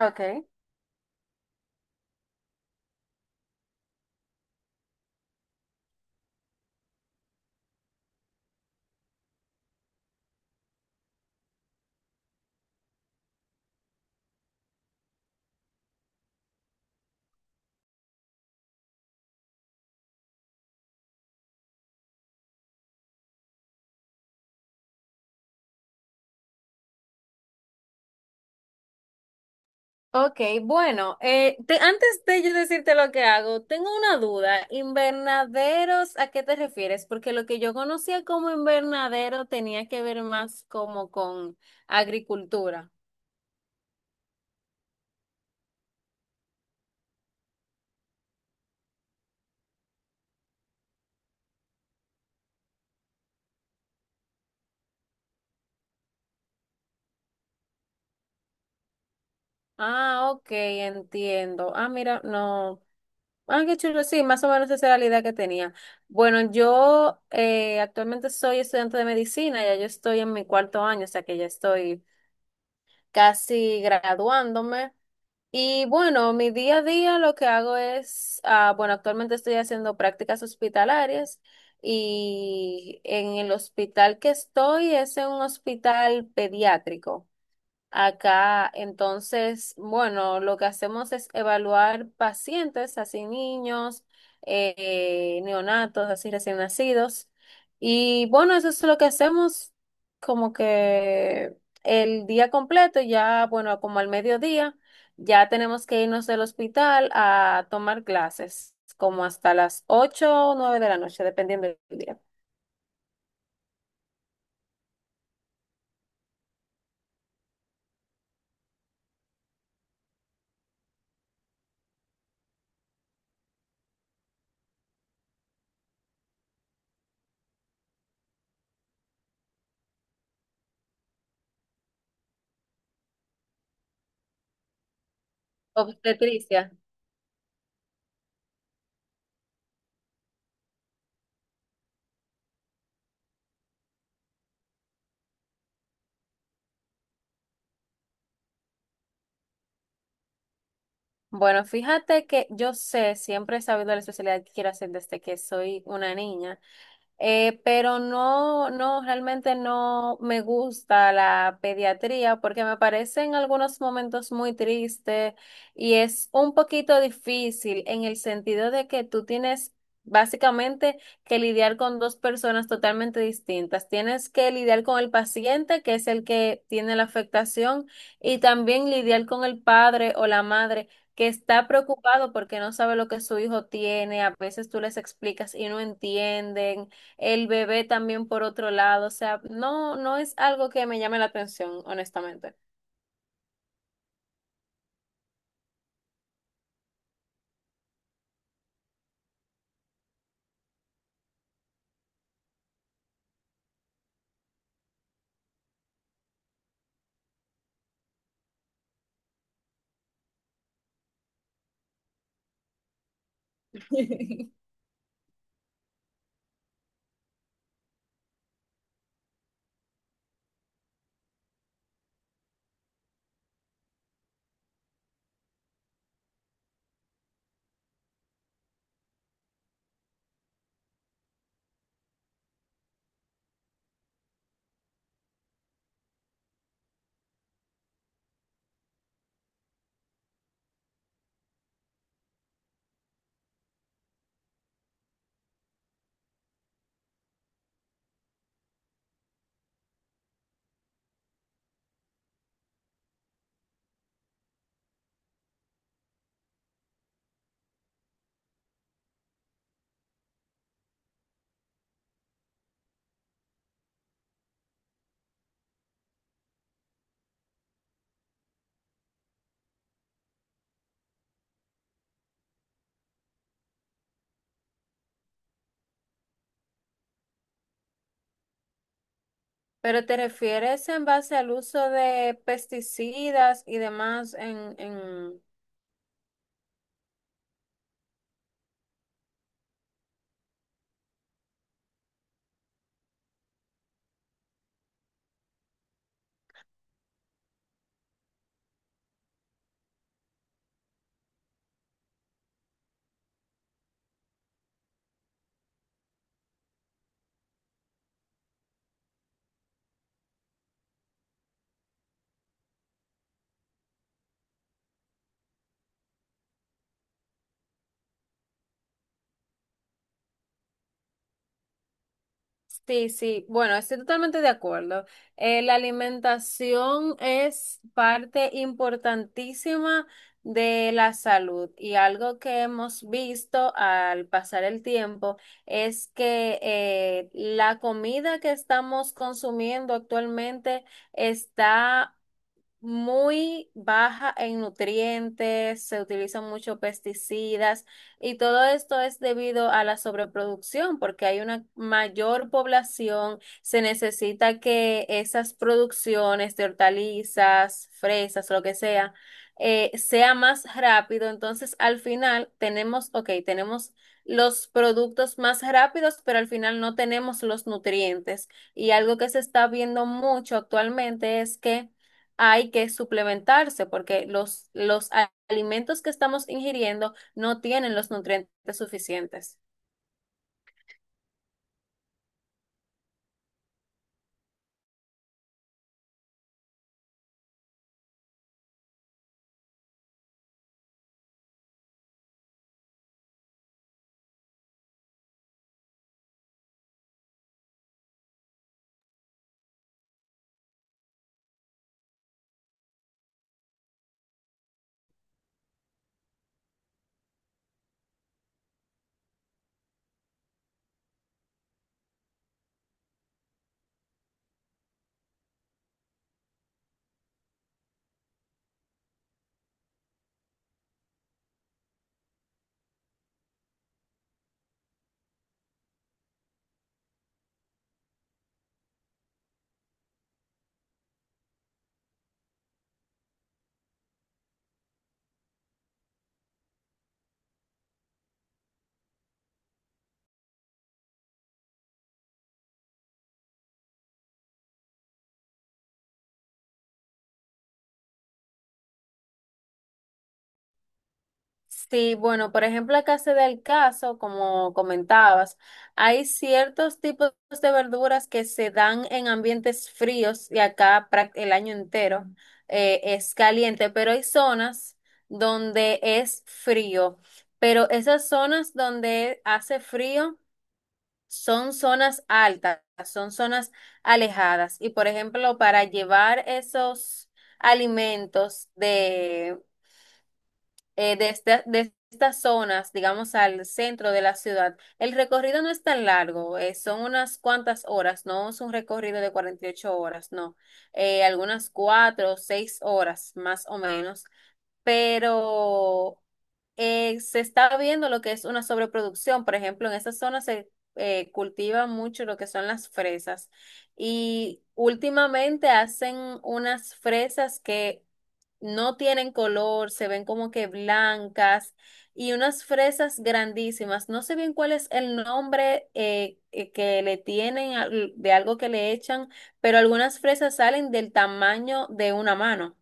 Ok. Ok, bueno, antes de yo decirte lo que hago, tengo una duda. ¿Invernaderos a qué te refieres? Porque lo que yo conocía como invernadero tenía que ver más como con agricultura. Ah, ok, entiendo. Ah, mira, no. Ah, qué chulo, sí, más o menos esa era la idea que tenía. Bueno, yo actualmente soy estudiante de medicina, ya yo estoy en mi cuarto año, o sea que ya estoy casi graduándome. Y bueno, mi día a día lo que hago es, bueno, actualmente estoy haciendo prácticas hospitalarias y en el hospital que estoy es en un hospital pediátrico. Acá, entonces, bueno, lo que hacemos es evaluar pacientes, así niños, neonatos, así recién nacidos. Y bueno, eso es lo que hacemos como que el día completo, ya, bueno, como al mediodía, ya tenemos que irnos del hospital a tomar clases, como hasta las 8 o 9 de la noche, dependiendo del día. Obstetricia. Bueno, fíjate que yo sé, siempre he sabido la especialidad que quiero hacer desde que soy una niña. Pero no, no, realmente no me gusta la pediatría porque me parece en algunos momentos muy triste y es un poquito difícil en el sentido de que tú tienes básicamente que lidiar con dos personas totalmente distintas. Tienes que lidiar con el paciente, que es el que tiene la afectación, y también lidiar con el padre o la madre, que está preocupado porque no sabe lo que su hijo tiene, a veces tú les explicas y no entienden el bebé también por otro lado, o sea, no, no es algo que me llame la atención, honestamente. Pero ¿te refieres en base al uso de pesticidas y demás en, Sí, sí, bueno, estoy totalmente de acuerdo. La alimentación es parte importantísima de la salud y algo que hemos visto al pasar el tiempo es que la comida que estamos consumiendo actualmente está muy baja en nutrientes, se utilizan muchos pesticidas y todo esto es debido a la sobreproducción porque hay una mayor población, se necesita que esas producciones de hortalizas, fresas, lo que sea, sea más rápido. Entonces, al final tenemos, ok, tenemos los productos más rápidos, pero al final no tenemos los nutrientes. Y algo que se está viendo mucho actualmente es que hay que suplementarse porque los alimentos que estamos ingiriendo no tienen los nutrientes suficientes. Sí, bueno, por ejemplo, acá se da el caso, como comentabas, hay ciertos tipos de verduras que se dan en ambientes fríos y acá el año entero es caliente, pero hay zonas donde es frío, pero esas zonas donde hace frío son zonas altas, son zonas alejadas. Y por ejemplo, para llevar esos alimentos de estas zonas, digamos, al centro de la ciudad, el recorrido no es tan largo, son unas cuantas horas, no es un recorrido de 48 horas, no. Algunas 4 o 6 horas más o menos. Pero se está viendo lo que es una sobreproducción. Por ejemplo, en esa zona se cultiva mucho lo que son las fresas. Y últimamente hacen unas fresas que no tienen color, se ven como que blancas y unas fresas grandísimas. No sé bien cuál es el nombre que le tienen de algo que le echan, pero algunas fresas salen del tamaño de una mano.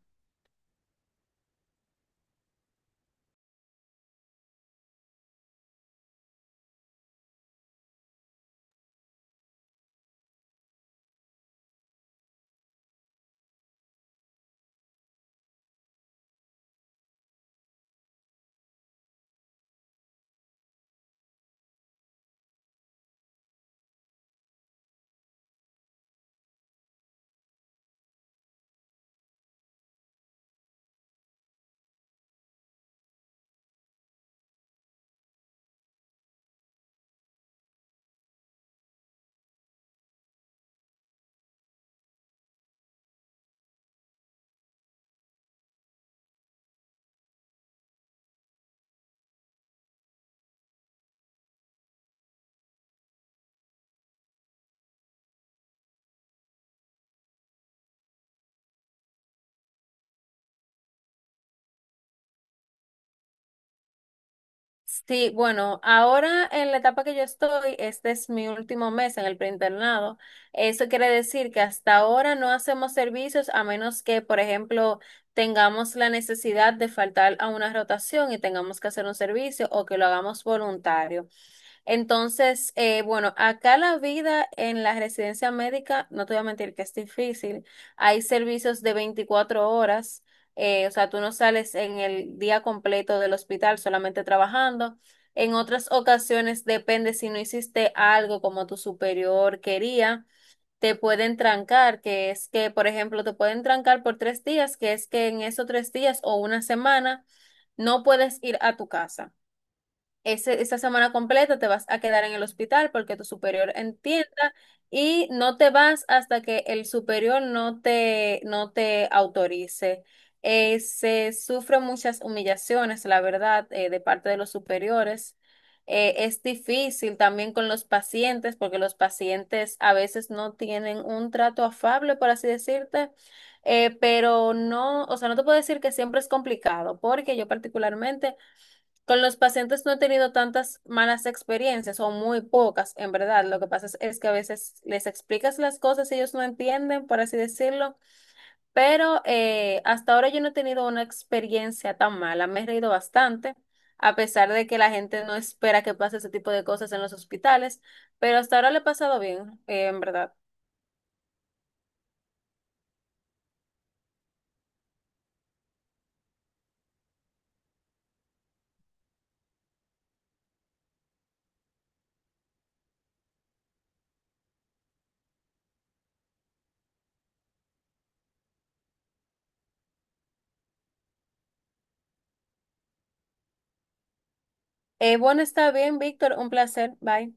Sí, bueno, ahora en la etapa que yo estoy, este es mi último mes en el preinternado. Eso quiere decir que hasta ahora no hacemos servicios a menos que, por ejemplo, tengamos la necesidad de faltar a una rotación y tengamos que hacer un servicio o que lo hagamos voluntario. Entonces, bueno, acá la vida en la residencia médica, no te voy a mentir que es difícil. Hay servicios de 24 horas, o sea, tú no sales en el día completo del hospital solamente trabajando. En otras ocasiones, depende si no hiciste algo como tu superior quería, te pueden trancar, que es que, por ejemplo, te pueden trancar por 3 días, que es que en esos 3 días o una semana no puedes ir a tu casa, esa semana completa te vas a quedar en el hospital porque tu superior entienda y no te vas hasta que el superior no te autorice. Se sufren muchas humillaciones, la verdad, de parte de los superiores. Es difícil también con los pacientes porque los pacientes a veces no tienen un trato afable, por así decirte. Pero no, o sea, no te puedo decir que siempre es complicado, porque yo particularmente con los pacientes no he tenido tantas malas experiencias o muy pocas, en verdad. Lo que pasa es que a veces les explicas las cosas y ellos no entienden, por así decirlo, pero hasta ahora yo no he tenido una experiencia tan mala. Me he reído bastante, a pesar de que la gente no espera que pase ese tipo de cosas en los hospitales, pero hasta ahora le he pasado bien, en verdad. Bueno, está bien, Víctor, un placer. Bye.